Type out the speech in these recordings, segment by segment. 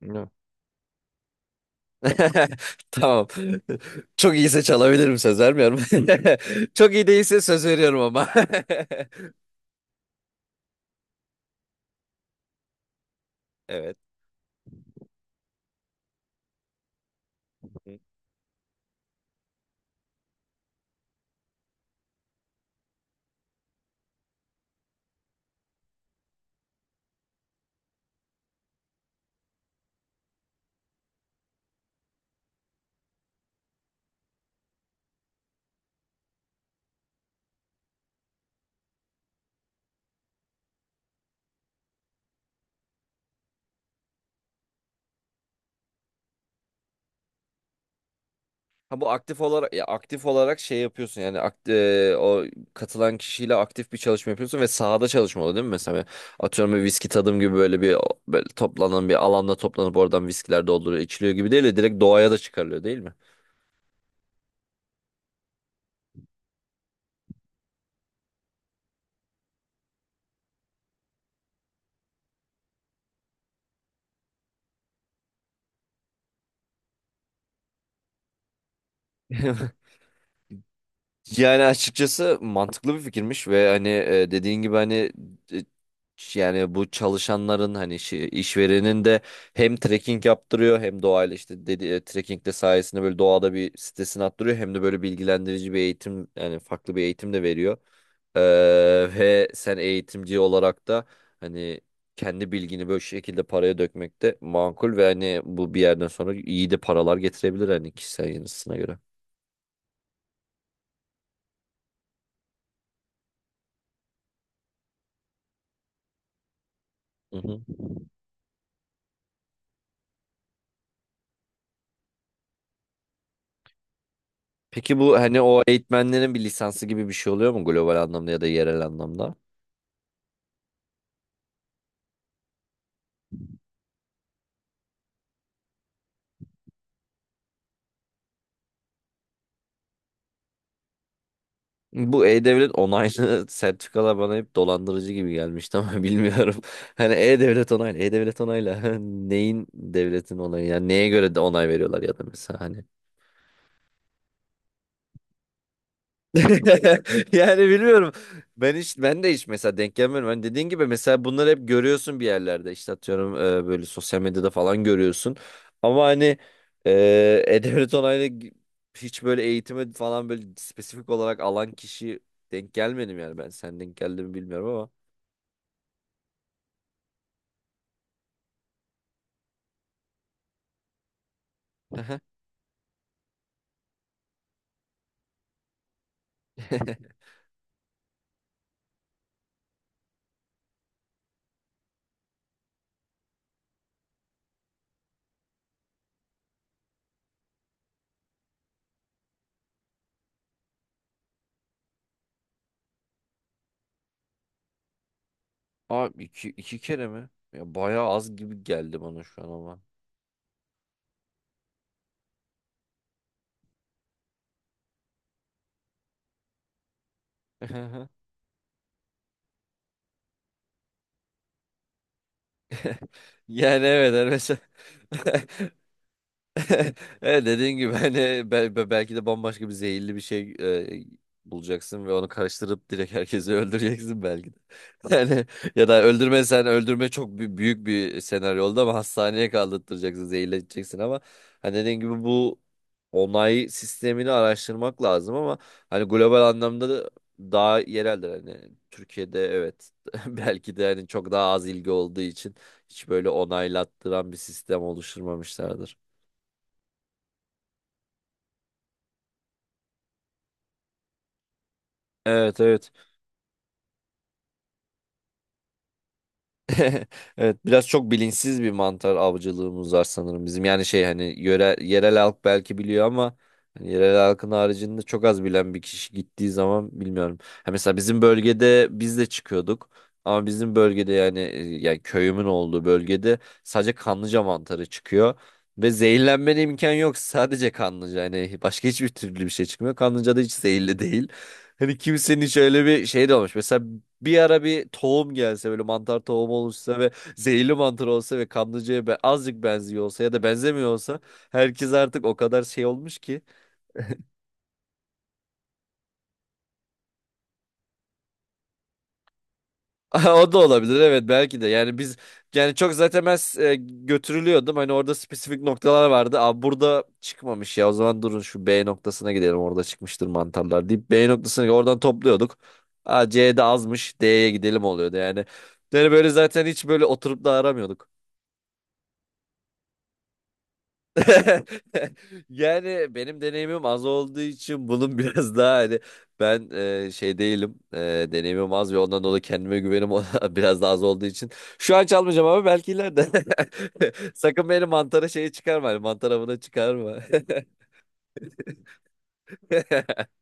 No. Tamam. Çok iyiyse çalabilirim, söz vermiyorum. Çok iyi değilse söz veriyorum ama. Evet. Ha bu aktif olarak, ya aktif olarak şey yapıyorsun, yani o katılan kişiyle aktif bir çalışma yapıyorsun ve sahada çalışma oluyor değil mi? Mesela atıyorum bir viski tadım gibi böyle bir, böyle toplanan bir alanda toplanıp oradan viskiler dolduruyor, içiliyor gibi değil de direkt doğaya da çıkarılıyor değil mi? Yani açıkçası mantıklı bir fikirmiş ve hani dediğin gibi hani e, yani bu çalışanların hani işverenin de hem trekking yaptırıyor, hem doğayla işte dedi trekking de sayesinde böyle doğada bir stresini attırıyor, hem de böyle bilgilendirici bir eğitim, yani farklı bir eğitim de veriyor. Ee, Ve sen eğitimci olarak da hani kendi bilgini böyle şekilde paraya dökmek de makul ve hani bu bir yerden sonra iyi de paralar getirebilir hani kişisel yanısına göre. Hı hı. Peki bu hani o eğitmenlerin bir lisansı gibi bir şey oluyor mu global anlamda ya da yerel anlamda? Bu E-Devlet onaylı sertifikalar bana hep dolandırıcı gibi gelmişti ama bilmiyorum. Hani E-Devlet onaylı, E-Devlet onaylı. Neyin, devletin onayı? Yani neye göre de onay veriyorlar, ya da mesela hani. Yani bilmiyorum. Ben de hiç mesela denk gelmiyorum. Hani dediğin gibi mesela bunları hep görüyorsun bir yerlerde. İşte atıyorum böyle sosyal medyada falan görüyorsun. Ama hani e, e Onay'la gi- hiç böyle eğitime falan böyle spesifik olarak alan kişi denk gelmedim yani ben. Sen denk geldi mi bilmiyorum ama. Aha. Abi iki, iki kere mi? Ya bayağı az gibi geldi bana şu an ama. Yani evet, hani mesela evet, dediğin gibi hani belki de bambaşka bir zehirli bir şey bulacaksın ve onu karıştırıp direkt herkesi öldüreceksin belki de. Yani ya da öldürmesen, öldürme çok büyük bir senaryo oldu ama, hastaneye kaldırtıracaksın, zehirleteceksin ama hani dediğin gibi bu onay sistemini araştırmak lazım ama hani global anlamda da daha yereldir, hani Türkiye'de, evet, belki de hani çok daha az ilgi olduğu için hiç böyle onaylattıran bir sistem oluşturmamışlardır. Evet, evet. Evet, biraz çok bilinçsiz bir mantar avcılığımız var sanırım bizim. Yani şey hani yöre, yerel halk belki biliyor ama hani yerel halkın haricinde çok az bilen bir kişi gittiği zaman bilmiyorum. Ha mesela bizim bölgede biz de çıkıyorduk. Ama bizim bölgede yani yani köyümün olduğu bölgede sadece kanlıca mantarı çıkıyor. Ve zehirlenmene imkan yok. Sadece kanlıca. Yani başka hiçbir türlü bir şey çıkmıyor. Kanlıca da hiç zehirli değil. Hani kimsenin şöyle bir şey de olmuş. Mesela bir ara bir tohum gelse, böyle mantar tohum oluşsa ve zehirli mantar olsa ve kanlıcaya be azıcık benziyor olsa ya da benzemiyor olsa, herkes artık o kadar şey olmuş ki. O da olabilir evet, belki de. Yani biz, yani çok zaten ben e, götürülüyordum. Hani orada spesifik noktalar vardı. Aa, burada çıkmamış ya. O zaman durun, şu B noktasına gidelim. Orada çıkmıştır mantarlar, deyip B noktasına, oradan topluyorduk. Aa, C'de azmış, D'ye gidelim oluyordu yani. Yani böyle zaten hiç böyle oturup da aramıyorduk. Yani benim deneyimim az olduğu için bunun biraz daha hani ben şey değilim, deneyimim az ve ondan dolayı kendime güvenim biraz daha az olduğu için şu an çalmayacağım, ama belki ileride sakın beni mantara şeyi çıkarma, hani mantar avına çıkarma.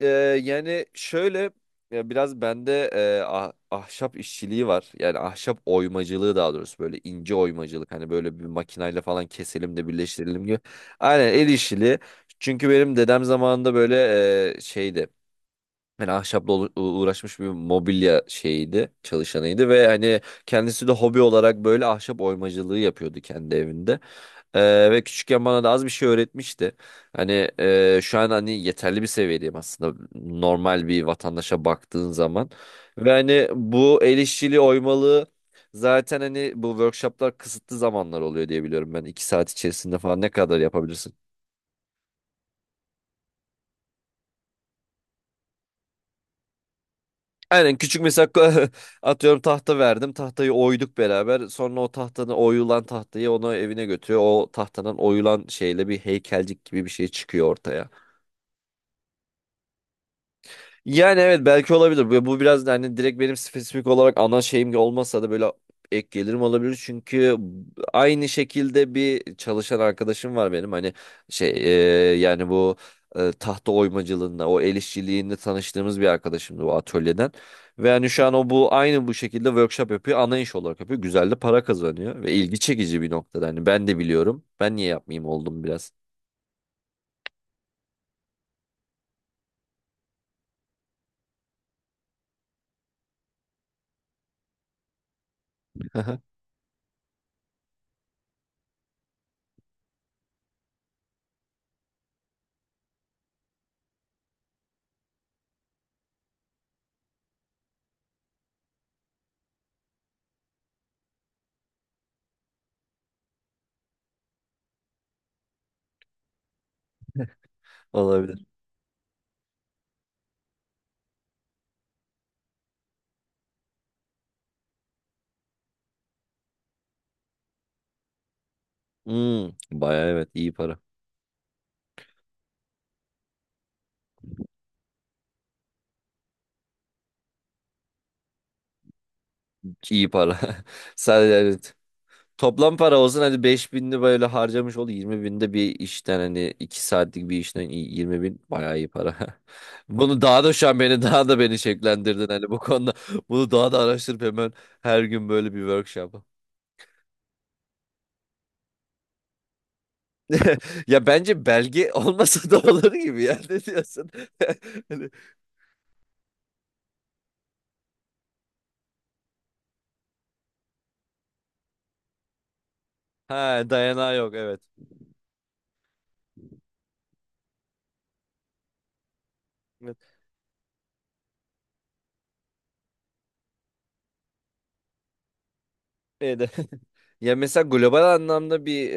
Ee, yani şöyle, ya biraz bende ahşap işçiliği var. Yani ahşap oymacılığı daha doğrusu, böyle ince oymacılık. Hani böyle bir makinayla falan keselim de birleştirelim gibi. Aynen, el işçiliği. Çünkü benim dedem zamanında böyle şeydi. Yani ahşapla uğraşmış, bir mobilya şeyiydi, çalışanıydı ve hani kendisi de hobi olarak böyle ahşap oymacılığı yapıyordu kendi evinde. Ve küçükken bana da az bir şey öğretmişti. Hani şu an hani yeterli bir seviyedeyim aslında normal bir vatandaşa baktığın zaman. Ve hani bu el işçiliği oymalığı, zaten hani bu workshoplar kısıtlı zamanlar oluyor diye biliyorum ben. İki saat içerisinde falan ne kadar yapabilirsin? Aynen, küçük mesela atıyorum tahta verdim. Tahtayı oyduk beraber. Sonra o tahtanın oyulan tahtayı onu evine götürüyor. O tahtadan oyulan şeyle bir heykelcik gibi bir şey çıkıyor ortaya. Yani evet, belki olabilir. Bu biraz da hani direkt benim spesifik olarak ana şeyim olmasa da böyle ek gelirim olabilir. Çünkü aynı şekilde bir çalışan arkadaşım var benim. Hani şey yani bu tahta oymacılığında, o el işçiliğinde tanıştığımız bir arkadaşımdı bu atölyeden. Ve hani şu an o bu aynı bu şekilde workshop yapıyor. Ana iş olarak yapıyor. Güzel de para kazanıyor ve ilgi çekici bir noktada. Hani ben de biliyorum. Ben niye yapmayayım oldum biraz. Olabilir. Hmm, bayağı evet, iyi para. İyi para. Sadece, evet. Toplam para olsun hadi, 5000'li böyle harcamış ol, 20 binde bir işten, hani 2 saatlik bir işten iyi, 20 bin bayağı iyi para. Bunu daha da şu an beni, daha da beni şekillendirdin hani bu konuda, bunu daha da araştırıp hemen her gün böyle bir workshop. Ya bence belge olmasa da olur gibi, ya ne diyorsun? Hani, ha dayanağı yok, evet. Evet. Evet. Ya mesela global anlamda bir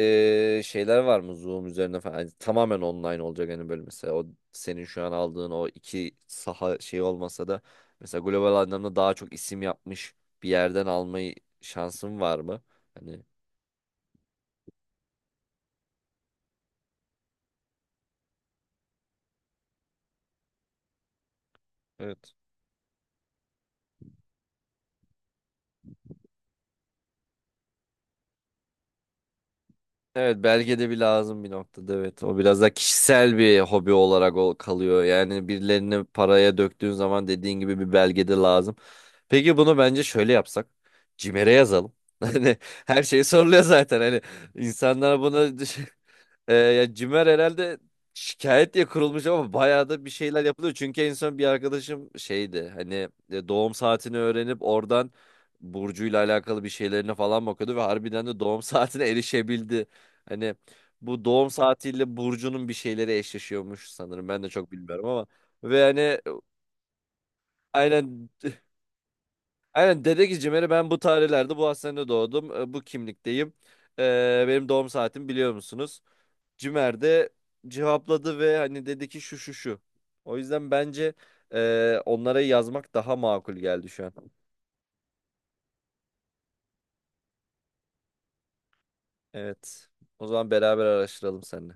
şeyler var mı, Zoom üzerine falan? Hani tamamen online olacak, hani böyle mesela o senin şu an aldığın o iki saha şey olmasa da, mesela global anlamda daha çok isim yapmış bir yerden almayı, şansın var mı? Hani, evet. Evet, belgede bir lazım bir noktada, evet. O biraz da kişisel bir hobi olarak ol kalıyor. Yani birilerini paraya döktüğün zaman dediğin gibi bir belgede lazım. Peki bunu bence şöyle yapsak. Cimer'e yazalım. Hani her şeyi soruluyor zaten. Hani insanlar bunu ya Cimer herhalde şikayet diye kurulmuş ama bayağı da bir şeyler yapılıyor. Çünkü en son bir arkadaşım şeydi, hani doğum saatini öğrenip oradan Burcu'yla alakalı bir şeylerine falan bakıyordu ve harbiden de doğum saatine erişebildi. Hani bu doğum saatiyle Burcu'nun bir şeyleri eşleşiyormuş sanırım, ben de çok bilmiyorum ama. Ve hani aynen aynen dedi ki Cimer'e, ben bu tarihlerde bu hastanede doğdum, bu kimlikteyim. Benim doğum saatimi biliyor musunuz? Cimer de cevapladı ve hani dedi ki şu, şu, şu. O yüzden bence onlara yazmak daha makul geldi şu an. Evet. O zaman beraber araştıralım seninle.